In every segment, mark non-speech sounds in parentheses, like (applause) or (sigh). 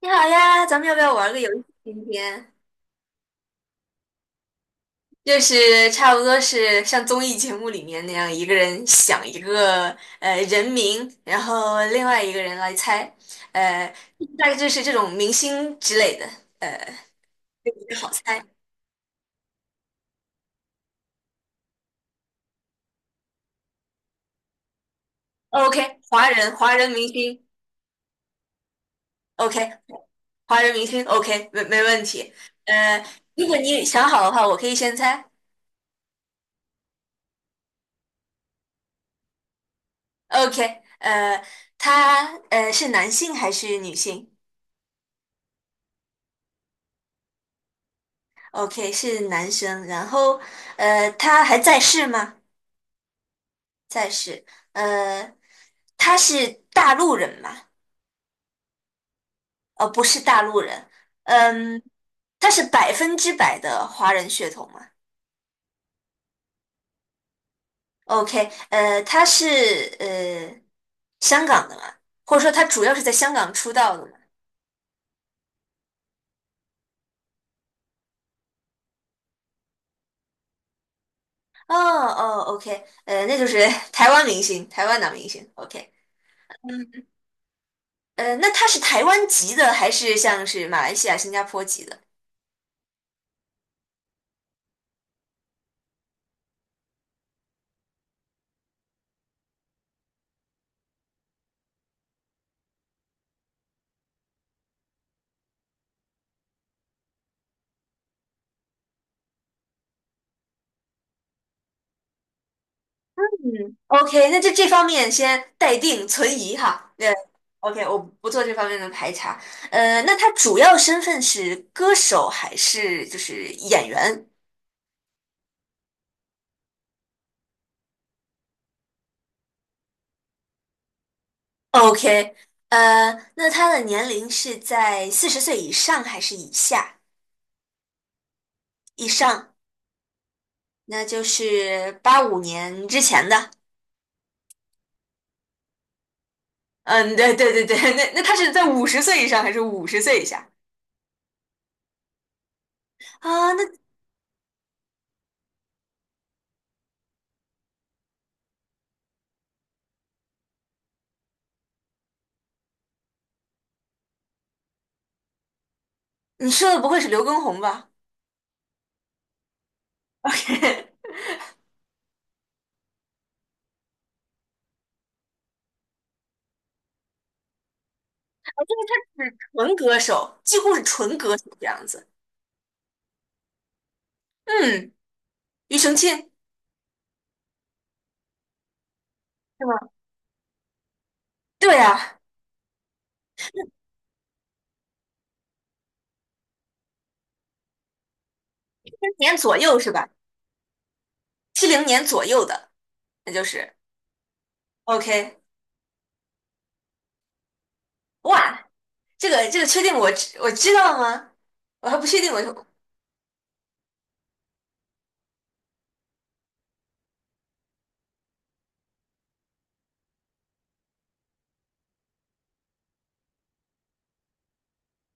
你好呀，咱们要不要玩个游戏？今天就是差不多是像综艺节目里面那样，一个人想一个人名，然后另外一个人来猜，呃，大概就是这种明星之类的，呃，这个比较好猜。OK，华人，华人明星，OK，华人明星，OK，没问题。呃，如果你想好的话，我可以先猜。OK，他是男性还是女性？OK,是男生，然后他还在世吗？在世，呃，他是大陆人吗？不是大陆人，嗯，他是100%的华人血统吗？OK,他是呃香港的吗？或者说他主要是在香港出道的吗？哦哦，OK,那就是 (laughs) 台湾明星，台湾男明星，OK,嗯，那他是台湾籍的还是像是马来西亚、新加坡籍的？嗯，OK,那就这方面先待定存疑哈。对，OK,我不做这方面的排查。那他主要身份是歌手还是就是演员？OK,那他的年龄是在40岁以上还是以下？以上，那就是85年之前的。嗯，对对对对，(laughs) 那他是在五十岁以上还是五十岁以下？啊，那你说的不会是刘畊宏吧？OK (laughs) 是纯歌手，几乎是纯歌手这样子。嗯，庾澄庆是吗？对啊，七零年左右是吧？七零年左右的，那就是 OK。哇，这个确定我知道吗？我还不确定我，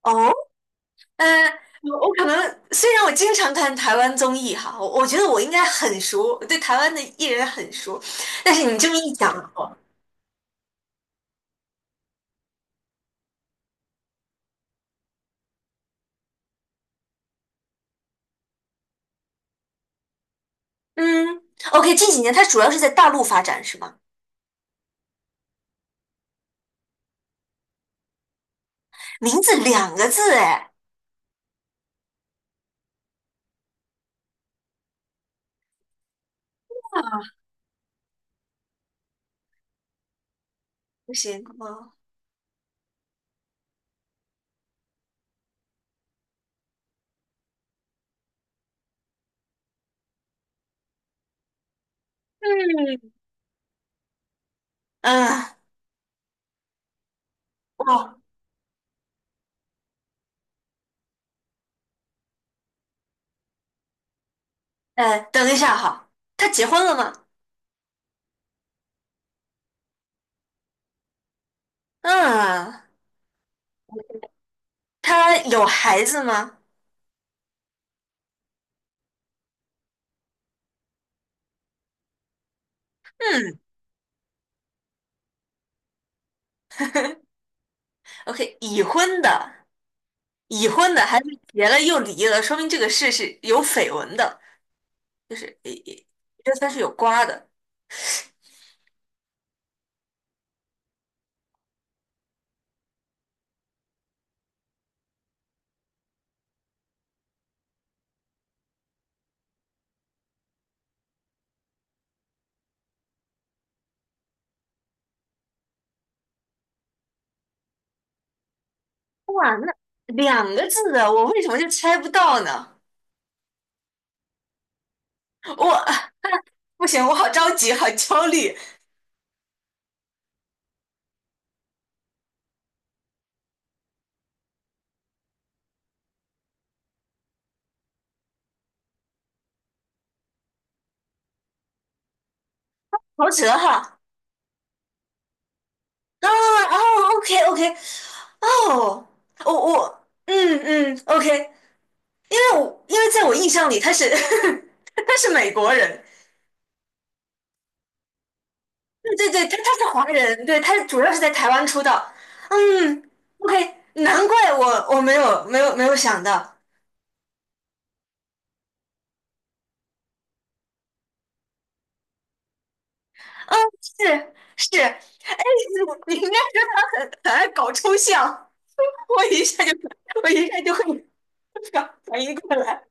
哦，嗯、我可能虽然我经常看台湾综艺哈，我觉得我应该很熟，我对台湾的艺人很熟，但是你这么一讲，哦，嗯，OK,近几年他主要是在大陆发展是吗？名字两个字哎，不行，哦嗯，哦哇，哎，等一下哈，他结婚了吗？嗯，他有孩子吗？嗯，OK,已婚的，已婚的还是结了又离了，说明这个事是有绯闻的，就是诶，诶这算是有瓜的。哇，那两个字的，我为什么就猜不到呢？我不行，我好着急，好焦虑，陶喆哈。啊哦，OK OK,哦，我我OK,因为在我印象里他是 (laughs) 他是美国人，对对对，他是华人，对，他主要是在台湾出道。嗯，OK,难怪我没有想到，嗯，是是，哎，(laughs) 你应该说他很爱搞抽象，我一下就我一下就会 (laughs) 反应过来。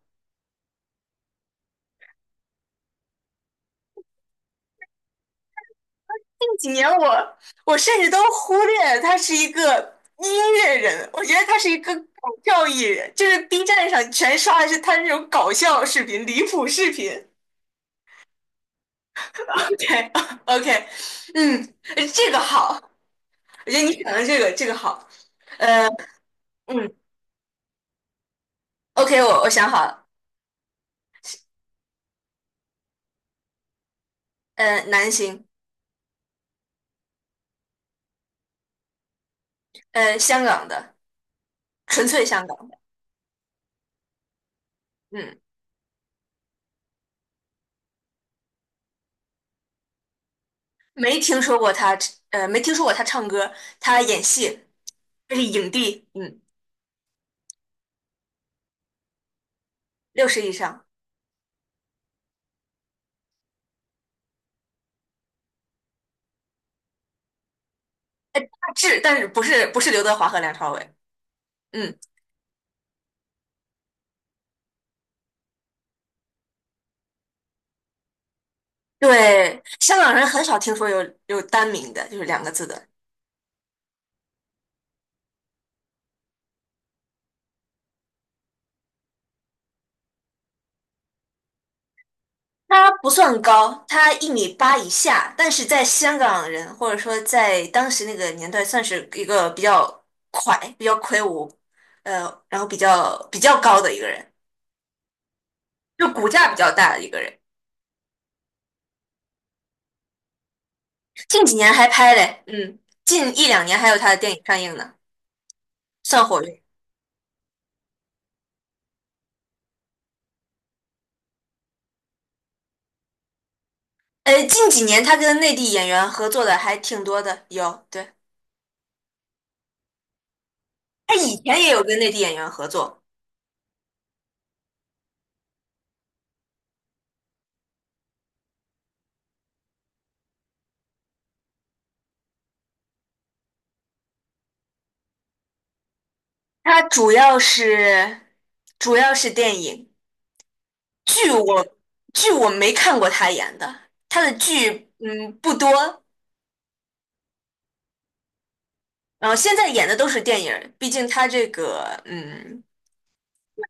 近几年我甚至都忽略他是一个音乐人，我觉得他是一个搞笑艺人，就是 B 站上全刷的是他那种搞笑视频、离谱视频。(laughs) OK OK,嗯，这个好，我觉得你讲的这个好，呃嗯，OK,我想好了，男星，香港的，纯粹香港，嗯，没听说过他，没听说过他唱歌，他演戏，他是影帝，嗯，60以上。志，但是不是刘德华和梁朝伟？嗯，对，香港人很少听说有单名的，就是两个字的。他不算高，他1米8以下，但是在香港人或者说在当时那个年代，算是一个比较快、比较魁梧，呃，然后比较高的一个人。就骨架比较大的一个人。近几年还拍嘞，嗯，近一两年还有他的电影上映呢，算活跃。近几年他跟内地演员合作的还挺多的，有，对，他以前也有跟内地演员合作，他主要是主要是电影剧我，剧我没看过他演的，他的剧不多，然后现在演的都是电影儿，毕竟他这个嗯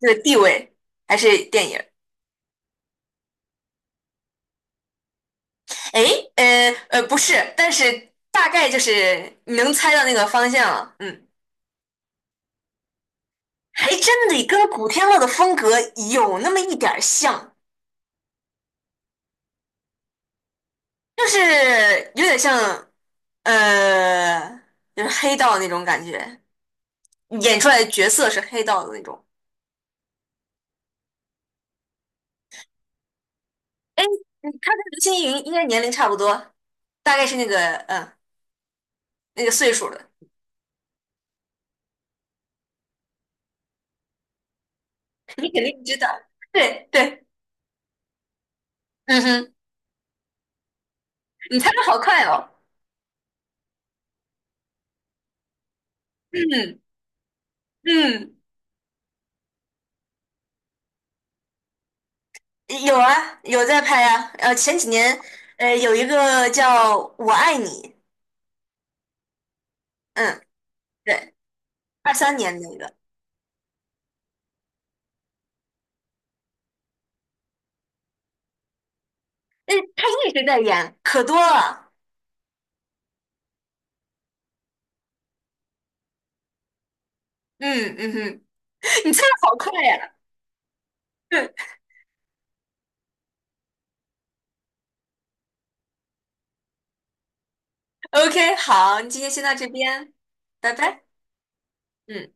这个地位还是电影儿。诶，不是，但是大概就是你能猜到那个方向了，嗯，还真得跟古天乐的风格有那么一点儿像。就是有点像，呃，就是黑道那种感觉，演出来的角色是黑道的那种。哎，他跟刘青云应该年龄差不多，大概是那个岁数的，(laughs) 你肯定知道。对对，嗯哼，你猜的好快哦。嗯嗯，有啊，有在拍啊。前几年有一个叫《我爱你》，嗯，对，23年那个，哎，他一直在演，可多了。嗯嗯哼。(laughs) 你猜的好快呀！(laughs) 对，OK,好，你今天先到这边，拜拜。嗯。